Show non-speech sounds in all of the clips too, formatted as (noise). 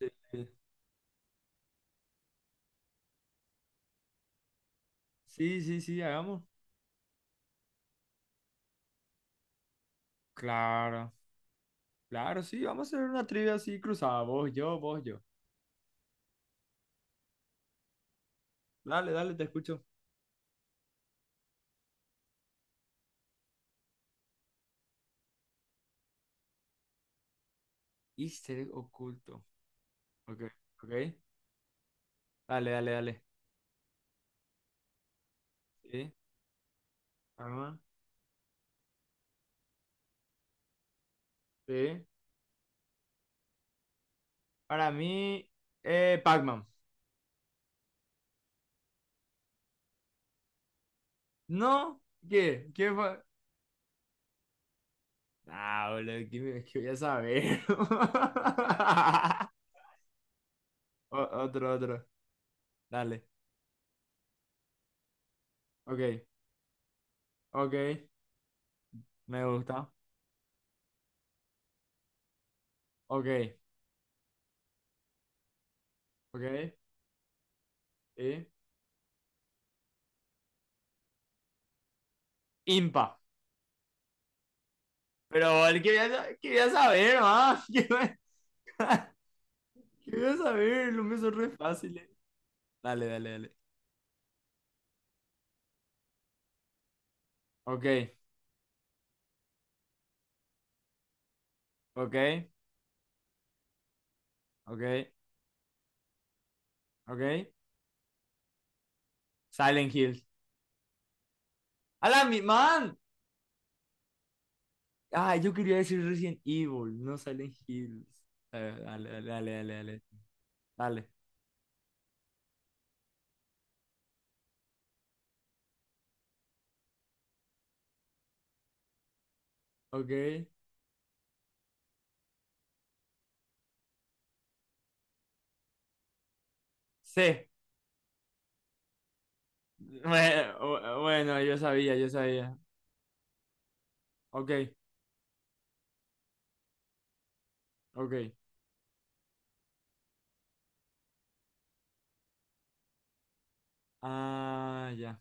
Sí, sí, sí, sí, hagamos. Claro, claro, sí, vamos a hacer una trivia así cruzada. Vos, yo, vos, yo. Dale, dale, te escucho. Easter egg oculto. Ok, ok. Dale, dale, dale. Sí, arma. Sí. Para mí, Pac-Man. ¿No? ¿Qué? ¿Qué fue? Ah, boludo, ¿qué, qué voy a saber? (laughs) Otro, otro. Dale. Ok, ok. Me gusta. Ok, ok. Sí. Impa. Pero él quería, quería saber, más. (laughs) Quería saber, lo me hizo re fácil. Dale, dale, dale. Ok, ok, ok, ok. Silent Hills. ¡A la mi man! Ah, yo quería decir Resident Evil, no Silent Hills. Dale, dale, dale, dale, dale. Dale, ok. Sí. Bueno, bueno, yo sabía, yo sabía. Ok, ok. Ah, ya.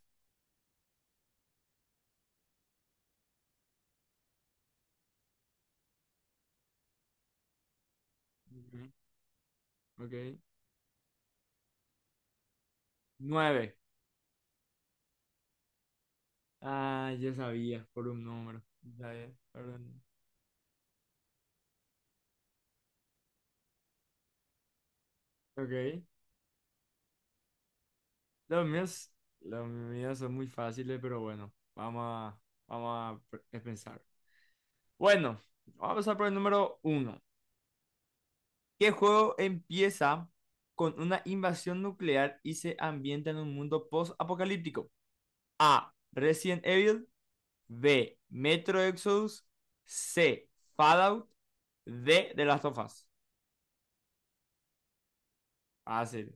Ok, ok. Nueve. Ah, yo sabía por un número. Ya, ya, perdón. Ok. Los míos, los míos son muy fáciles, pero bueno, vamos a pensar. Bueno, vamos a pasar por el número uno. ¿Qué juego empieza con una invasión nuclear y se ambienta en un mundo post-apocalíptico? A. Resident Evil. B. Metro Exodus. C. Fallout. D. The Last of Us. Fácil.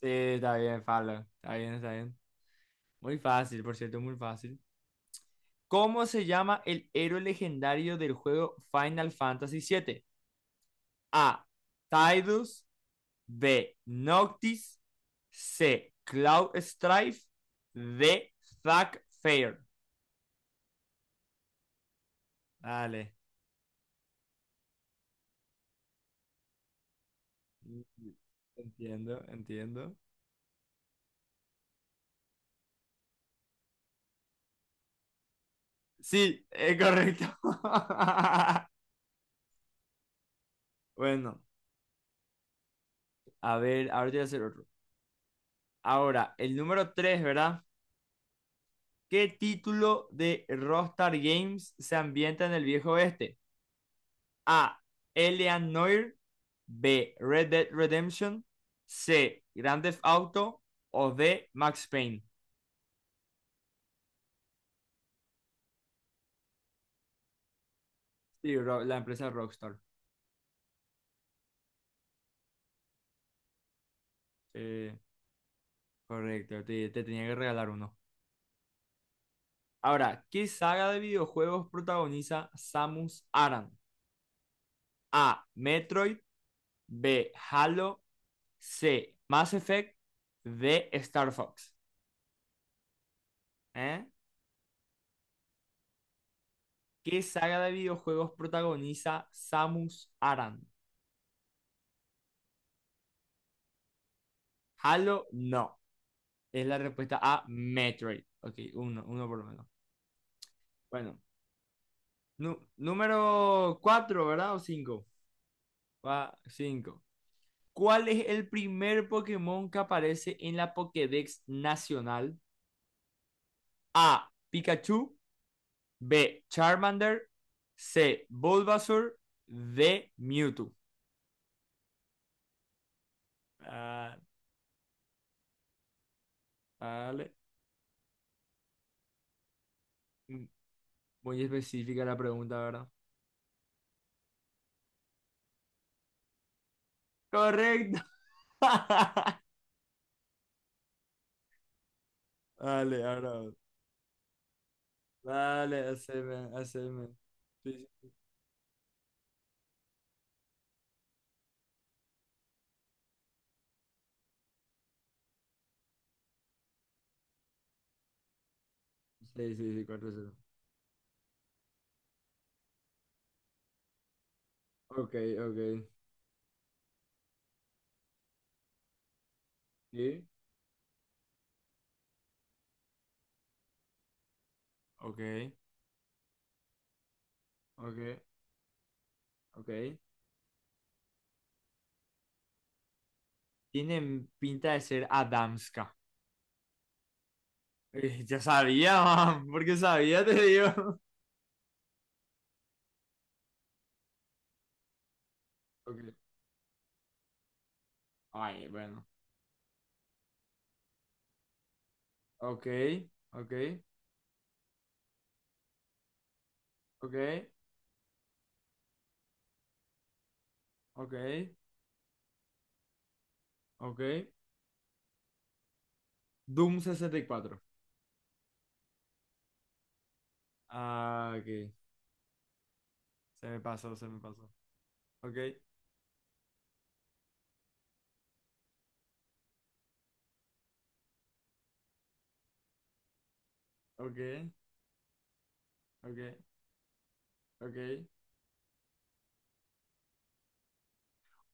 Sí, está bien, Fallout. Está bien, está bien. Muy fácil, por cierto, muy fácil. ¿Cómo se llama el héroe legendario del juego Final Fantasy siete? A. Tidus. B. Noctis. C. Cloud Strife. D. Zack Fair. Dale. Entiendo, entiendo. Sí, es correcto. (laughs) Bueno, a ver, ahora te voy a hacer otro. Ahora, el número tres, ¿verdad? ¿Qué título de Rockstar Games se ambienta en el viejo oeste? A. Elian Noir. B. Red Dead Redemption. C. Grand Theft Auto. O D. Max Payne. Sí, la empresa Rockstar. Sí, correcto. Te tenía que regalar uno. Ahora, ¿qué saga de videojuegos protagoniza Samus Aran? A. Metroid. B. Halo. C. Mass Effect. D. Star Fox. ¿Eh? ¿Qué saga de videojuegos protagoniza Samus Aran? Halo, no. Es la respuesta a Metroid. Ok, uno, uno por lo menos. Bueno, número 4, ¿verdad? ¿O 5? Cinco. ¿Cuál es el primer Pokémon que aparece en la Pokédex nacional? A. Pikachu. B. Charmander. C. Bulbasaur. D. Mewtwo. Ah, vale. Mm, muy específica la pregunta, ¿verdad? Correcto. (laughs) Vale, ahora. Vale, haceme, haceme. Sí, sí. Sí, sí, sí, cuatro 0. Ok, ok. Sí, ok, ok, ok. Tienen pinta de ser Adamska. Ya sabía, (laughs) man, porque sabía, te digo. Ok. Ay, bueno. Ok, ok, ok, ok, ok. Doom 64. Ah, ok. Se me pasó, se me pasó. Ok, ok, ok, ok.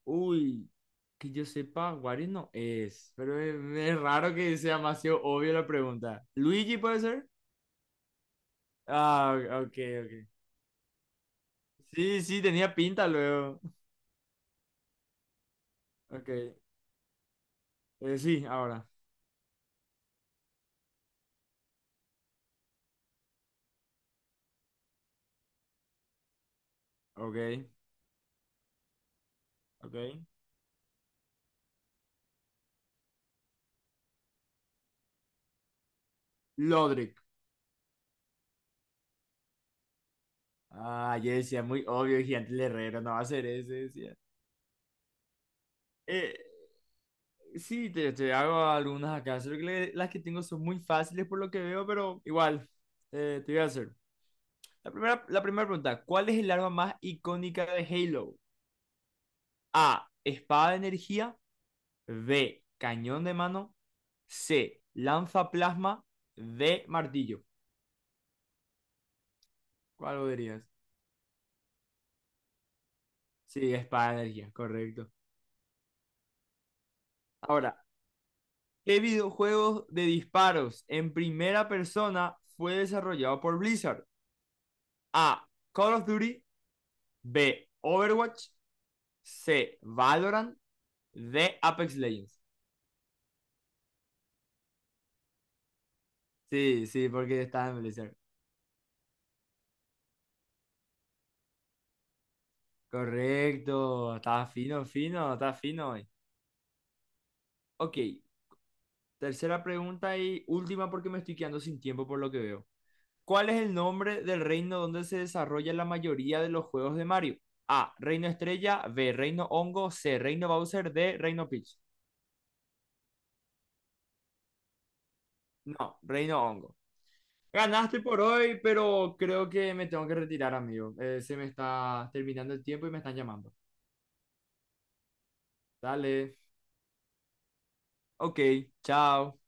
Uy, que yo sepa, Wario no es, pero es raro que sea demasiado obvio la pregunta. ¿Luigi puede ser? Ah, ok, ok. Sí, sí, tenía pinta luego. Ok, sí, ahora. Ok, ok. Lodric. Ah, yo decía, muy obvio, gigante el herrero, no va a ser ese, decía. Eh, sí, te hago algunas acá, solo que las que tengo son muy fáciles por lo que veo, pero igual, te voy a hacer. La primera pregunta, ¿cuál es el arma más icónica de Halo? A, espada de energía, B, cañón de mano, C, lanza plasma, D, martillo. ¿Cuál vos dirías? Sí, espada de energía, correcto. Ahora, ¿qué videojuego de disparos en primera persona fue desarrollado por Blizzard? A, Call of Duty, B, Overwatch, C, Valorant, D, Apex Legends. Sí, sí, porque está en Blizzard. Correcto, está fino, fino, está fino hoy. Ok, tercera pregunta y última porque me estoy quedando sin tiempo por lo que veo. ¿Cuál es el nombre del reino donde se desarrolla la mayoría de los juegos de Mario? A, Reino Estrella, B, Reino Hongo, C, Reino Bowser, D, Reino Peach. No, Reino Hongo. Ganaste por hoy, pero creo que me tengo que retirar, amigo. Se me está terminando el tiempo y me están llamando. Dale, ok, chao.